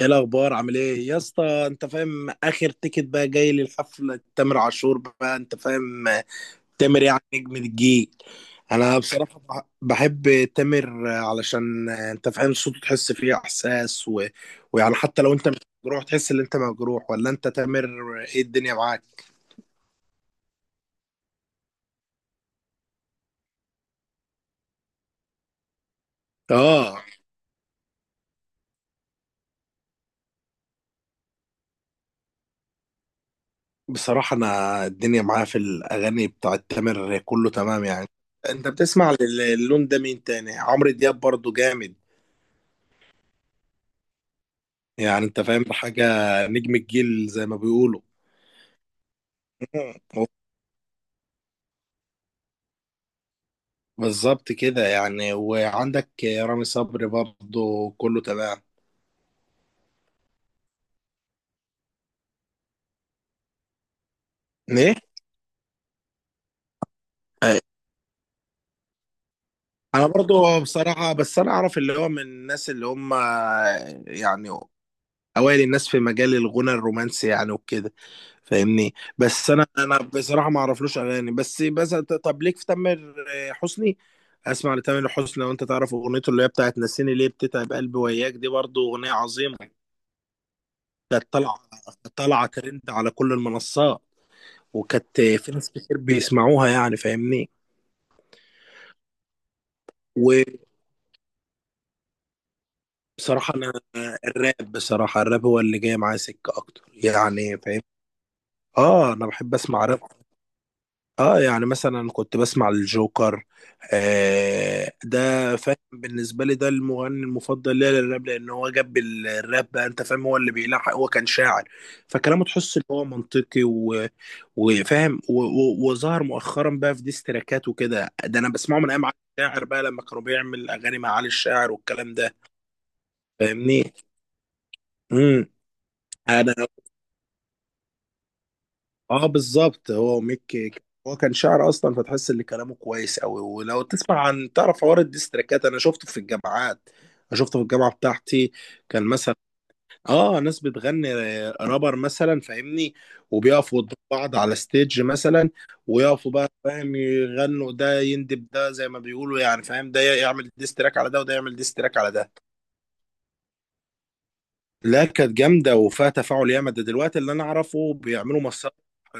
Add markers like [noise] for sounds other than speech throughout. ايه الاخبار؟ عامل ايه يا اسطى؟ انت فاهم، اخر تيكت بقى جاي للحفله تامر عاشور، بقى انت فاهم. تامر يعني نجم الجيل. انا بصراحه بحب تامر علشان انت فاهم صوته، تحس فيه احساس، ويعني حتى لو انت مش مجروح تحس ان انت مجروح، ولا انت تامر ايه الدنيا معاك؟ اه. بصراحه انا الدنيا معايا في الاغاني بتاعت تامر كله تمام يعني. انت بتسمع اللون ده مين تاني؟ عمرو دياب برضو جامد، يعني انت فاهم بحاجة. نجم الجيل زي ما بيقولوا. [laughs] بالظبط كده يعني. وعندك رامي صبري برضه كله تمام. ايه؟ أي. انا برضه بصراحة بس انا اعرف اللي هو من الناس اللي هم يعني اوائل الناس في مجال الغنى الرومانسي يعني وكده. فاهمني، بس انا بصراحة ما اعرفلوش اغاني. بس طب ليك في تامر حسني. اسمع لتامر حسني، لو انت تعرف اغنيته اللي هي بتاعت نسيني ليه بتتعب قلبي وياك، دي برضه اغنية عظيمة. كانت طالعة ترند على كل المنصات. وكانت في ناس كتير بيسمعوها يعني، فاهمني. وبصراحة أنا الراب، بصراحة الراب هو اللي جاي معايا سكة أكتر يعني، فاهم. آه، أنا بحب أسمع راب. آه، يعني مثلا كنت بسمع الجوكر. آه، ده فاهم بالنسبة لي، ده المغني المفضل ليا للراب، لأن هو جاب الراب بقى، أنت فاهم، هو اللي بيلحق، هو كان شاعر. فكلامه تحس إن هو منطقي وفاهم وظهر مؤخرا بقى في ديستراكات وكده. ده انا بسمعه من ايام علي الشاعر بقى، لما كانوا بيعمل اغاني مع علي الشاعر والكلام ده، فاهمني. امم انا، اه بالظبط، هو ميكي. هو كان شاعر اصلا، فتحس ان كلامه كويس قوي. ولو تسمع عن تعرف حوار الديستراكات، انا شفته في الجامعات. أنا شفته في الجامعه بتاعتي. كان مثلا، اه، ناس بتغني رابر مثلا، فاهمني. وبيقفوا قدام بعض على ستيج مثلا، ويقفوا بقى فاهم يغنوا، ده يندب ده زي ما بيقولوا، يعني فاهم، ده يعمل ديستراك على ده وده يعمل ديستراك على ده. لا كانت جامده وفيها تفاعل ياما. ده دلوقتي اللي انا اعرفه بيعملوا مسرح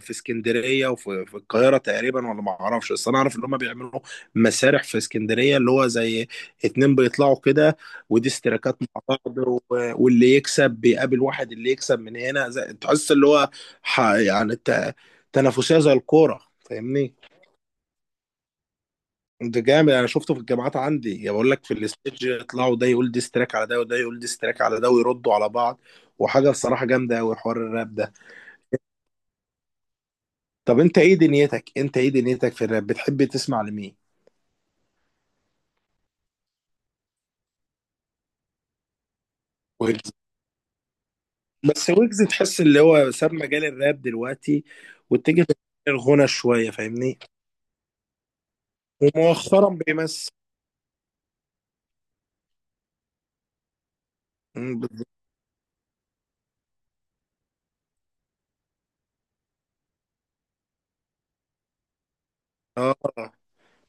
في اسكندريه، وفي القاهره تقريبا، ولا ما اعرفش، بس انا اعرف ان هم بيعملوا مسارح في اسكندريه، اللي هو زي اتنين بيطلعوا كده، ودي اشتراكات مع بعض، واللي يكسب بيقابل واحد، اللي يكسب من هنا، زي تحس اللي هو يعني تنافسيه زي الكوره، فاهمني. ده جامد، انا شفته في الجامعات عندي، يا بقول لك، في الستيج يطلعوا، ده يقول ديس تراك على ده وده يقول ديس تراك على ده ويردوا على بعض. وحاجه بصراحه جامده قوي حوار الراب ده. طب انت ايه دنيتك، في الراب؟ بتحب تسمع لمين؟ ويجز. بس ويجز تحس اللي هو ساب مجال الراب دلوقتي، واتجه في الغنى شويه، فاهمني. ومؤخرا بيمثل. مم، بالظبط. اه،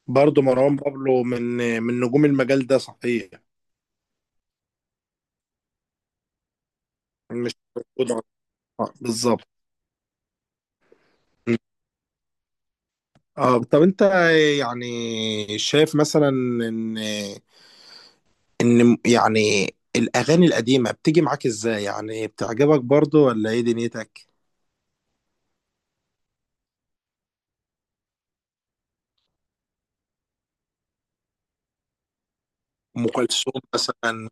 برضه مروان بابلو من نجوم المجال ده صحيح. مش موجود. آه، بالظبط. اه. طب انت يعني شايف مثلا ان يعني الاغاني القديمه بتيجي معاك ازاي؟ يعني بتعجبك برضو ولا ايه دنيتك؟ ام كلثوم مثلا.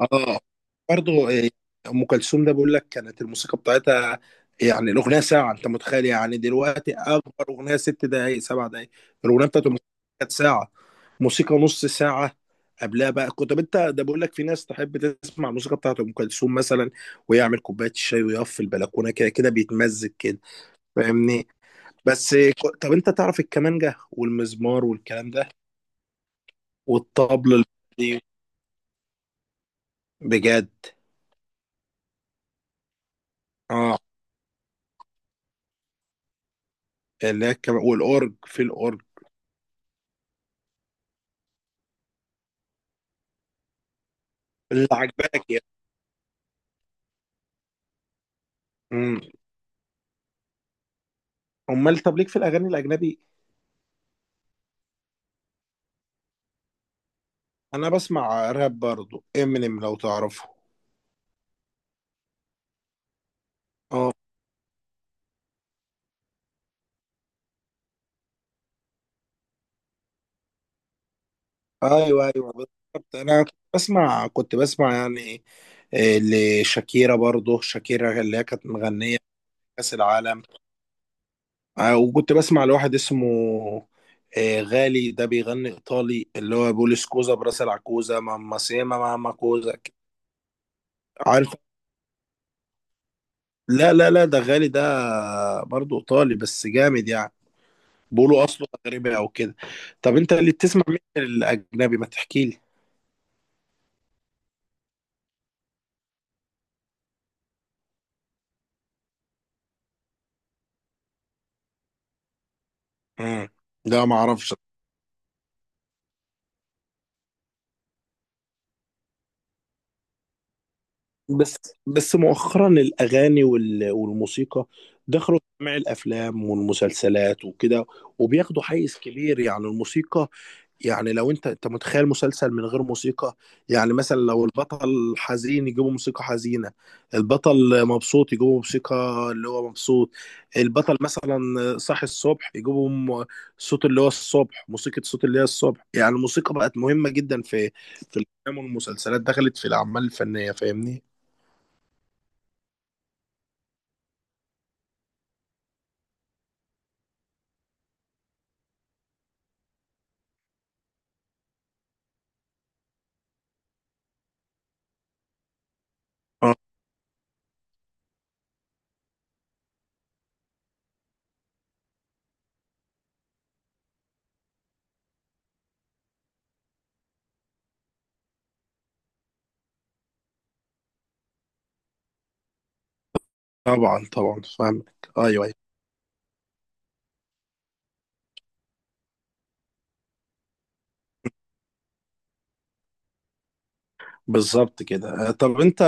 اه، برضه إيه، ام كلثوم ده بقول لك، كانت الموسيقى بتاعتها يعني الاغنيه ساعه. انت متخيل؟ يعني دلوقتي اكبر اغنيه 6 دقائق، 7 دقائق. الاغنيه بتاعت ام كلثوم كانت ساعه، موسيقى نص ساعه قبلها بقى. كنت، طب انت ده بقول لك، في ناس تحب تسمع الموسيقى بتاعت ام كلثوم مثلا، ويعمل كوبايه الشاي ويقف في البلكونه كده كده بيتمزج كده، فاهمني. بس طب انت تعرف الكمانجه والمزمار والكلام ده والطبل البلدي؟ بجد. اه، اللي هي والاورج، في الاورج اللي عجبانك يعني. امم امال طب ليك في الاغاني الاجنبي؟ انا بسمع راب برضو، امينيم لو تعرفه. اه، ايوه ايوه بالظبط، انا كنت بسمع يعني آه، لشاكيرا، برضو شاكيرا اللي هي كانت مغنيه في كاس العالم. وكنت بسمع لواحد اسمه غالي، ده بيغني ايطالي، اللي هو بيقول سكوزا براس العكوزه ماما سيما ماما كوزا، عارف. لا لا لا، ده غالي ده برضو ايطالي، بس جامد يعني. بيقولوا اصله مغربي او كده. طب انت اللي بتسمع مين الاجنبي؟ ما تحكي لي. امم لا ما اعرفش. بس بس مؤخرا الاغاني والموسيقى دخلوا في جميع الافلام والمسلسلات وكده، وبياخدوا حيز كبير يعني الموسيقى. يعني لو انت متخيل مسلسل من غير موسيقى، يعني مثلا لو البطل حزين يجيبوا موسيقى حزينة، البطل مبسوط يجيبوا موسيقى اللي هو مبسوط، البطل مثلا صاحي الصبح يجيبوا صوت اللي هو الصبح، موسيقى صوت اللي هي الصبح، يعني الموسيقى بقت مهمة جدا في الافلام والمسلسلات، دخلت في الاعمال الفنية، فاهمني. اه طبعا، طبعا فاهمك. ايوه ايوه، بالظبط كده. طب انت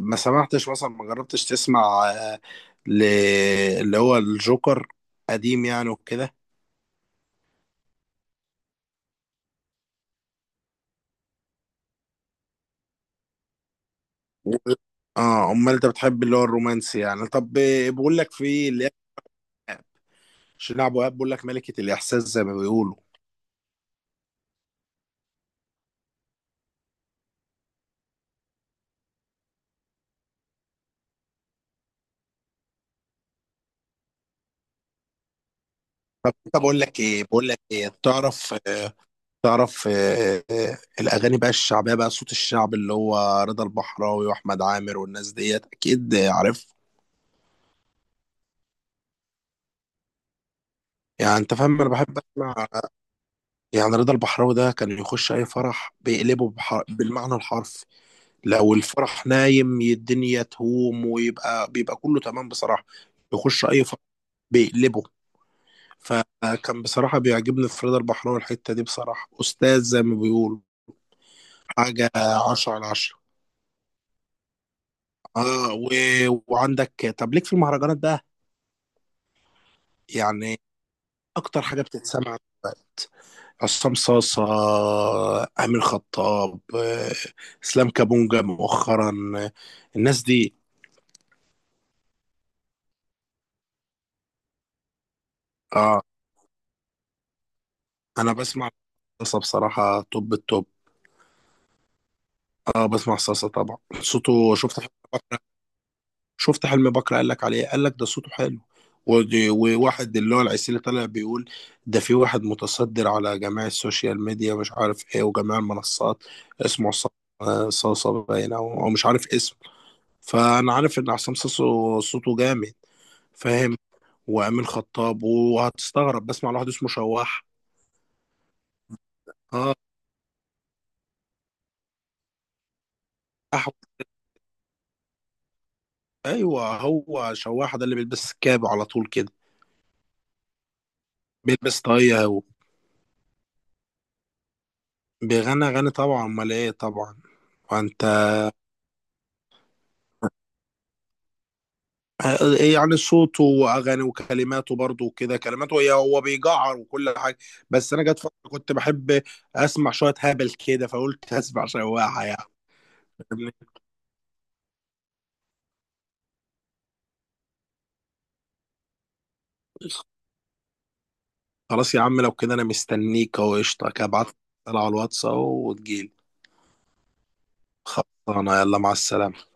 ما سمعتش مثلا؟ ما جربتش تسمع ل- اللي هو الجوكر قديم يعني وكده؟ و- اه، امال انت بتحب اللي هو الرومانسي يعني؟ طب بقول لك في اللي هي شيرين ابو وهاب، بقول لك ملكة الاحساس زي ما بيقولوا. طب بقول لك ايه، تعرف الاغاني بقى الشعبيه بقى، صوت الشعب، اللي هو رضا البحراوي واحمد عامر والناس ديت، اكيد عارف. يعني انت فاهم، انا بحب اسمع. يعني رضا البحراوي ده كان يخش اي فرح بيقلبه بالمعنى الحرفي. لو الفرح نايم الدنيا تهوم، ويبقى كله تمام بصراحة. يخش أي فرح بيقلبه. فكان بصراحة بيعجبني، فريد البحراوي الحتة دي بصراحة أستاذ زي ما بيقولوا. حاجة 10 على 10. اه، وعندك، طب ليك في المهرجانات بقى؟ يعني أكتر حاجة بتتسمع دلوقتي، عصام صاصة، أمين خطاب، إسلام كابونجا مؤخرا، آه، الناس دي. اه، أنا بسمع صاصة بصراحة، توب التوب. اه، بسمع صلصة طبعا، صوته، شفت حلم بكرة. قال لك عليه، قال لك ده صوته حلو. وواحد اللي هو العسيلي طالع بيقول، ده في واحد متصدر على جميع السوشيال ميديا مش عارف ايه، وجميع المنصات، اسمه عصام، صاصة باين، او مش عارف اسمه، فانا عارف ان عصام صاصة صوته جامد، فاهم. وامين خطاب، وهتستغرب، بسمع لواحد اسمه شواح. اه، أحمد. ايوه، هو شواح ده اللي بيلبس كاب على طول كده، بيلبس طاقية هو. بيغني أغاني طبعا، أمال إيه، طبعا. فأنت، إيه يعني، صوته وأغاني وكلماته برضه وكده، كلماته هي، هو بيجعر وكل حاجة. بس أنا جت فترة كنت بحب أسمع شوية هبل كده، فقلت [laughs] أسمع شوية يعني، فاهمني؟ خلاص يا عم، لو كده أنا مستنيك أهو، قشطة كده، ابعت لي على الواتس أهو وتجيلي. خلصانة، يلا مع السلامة.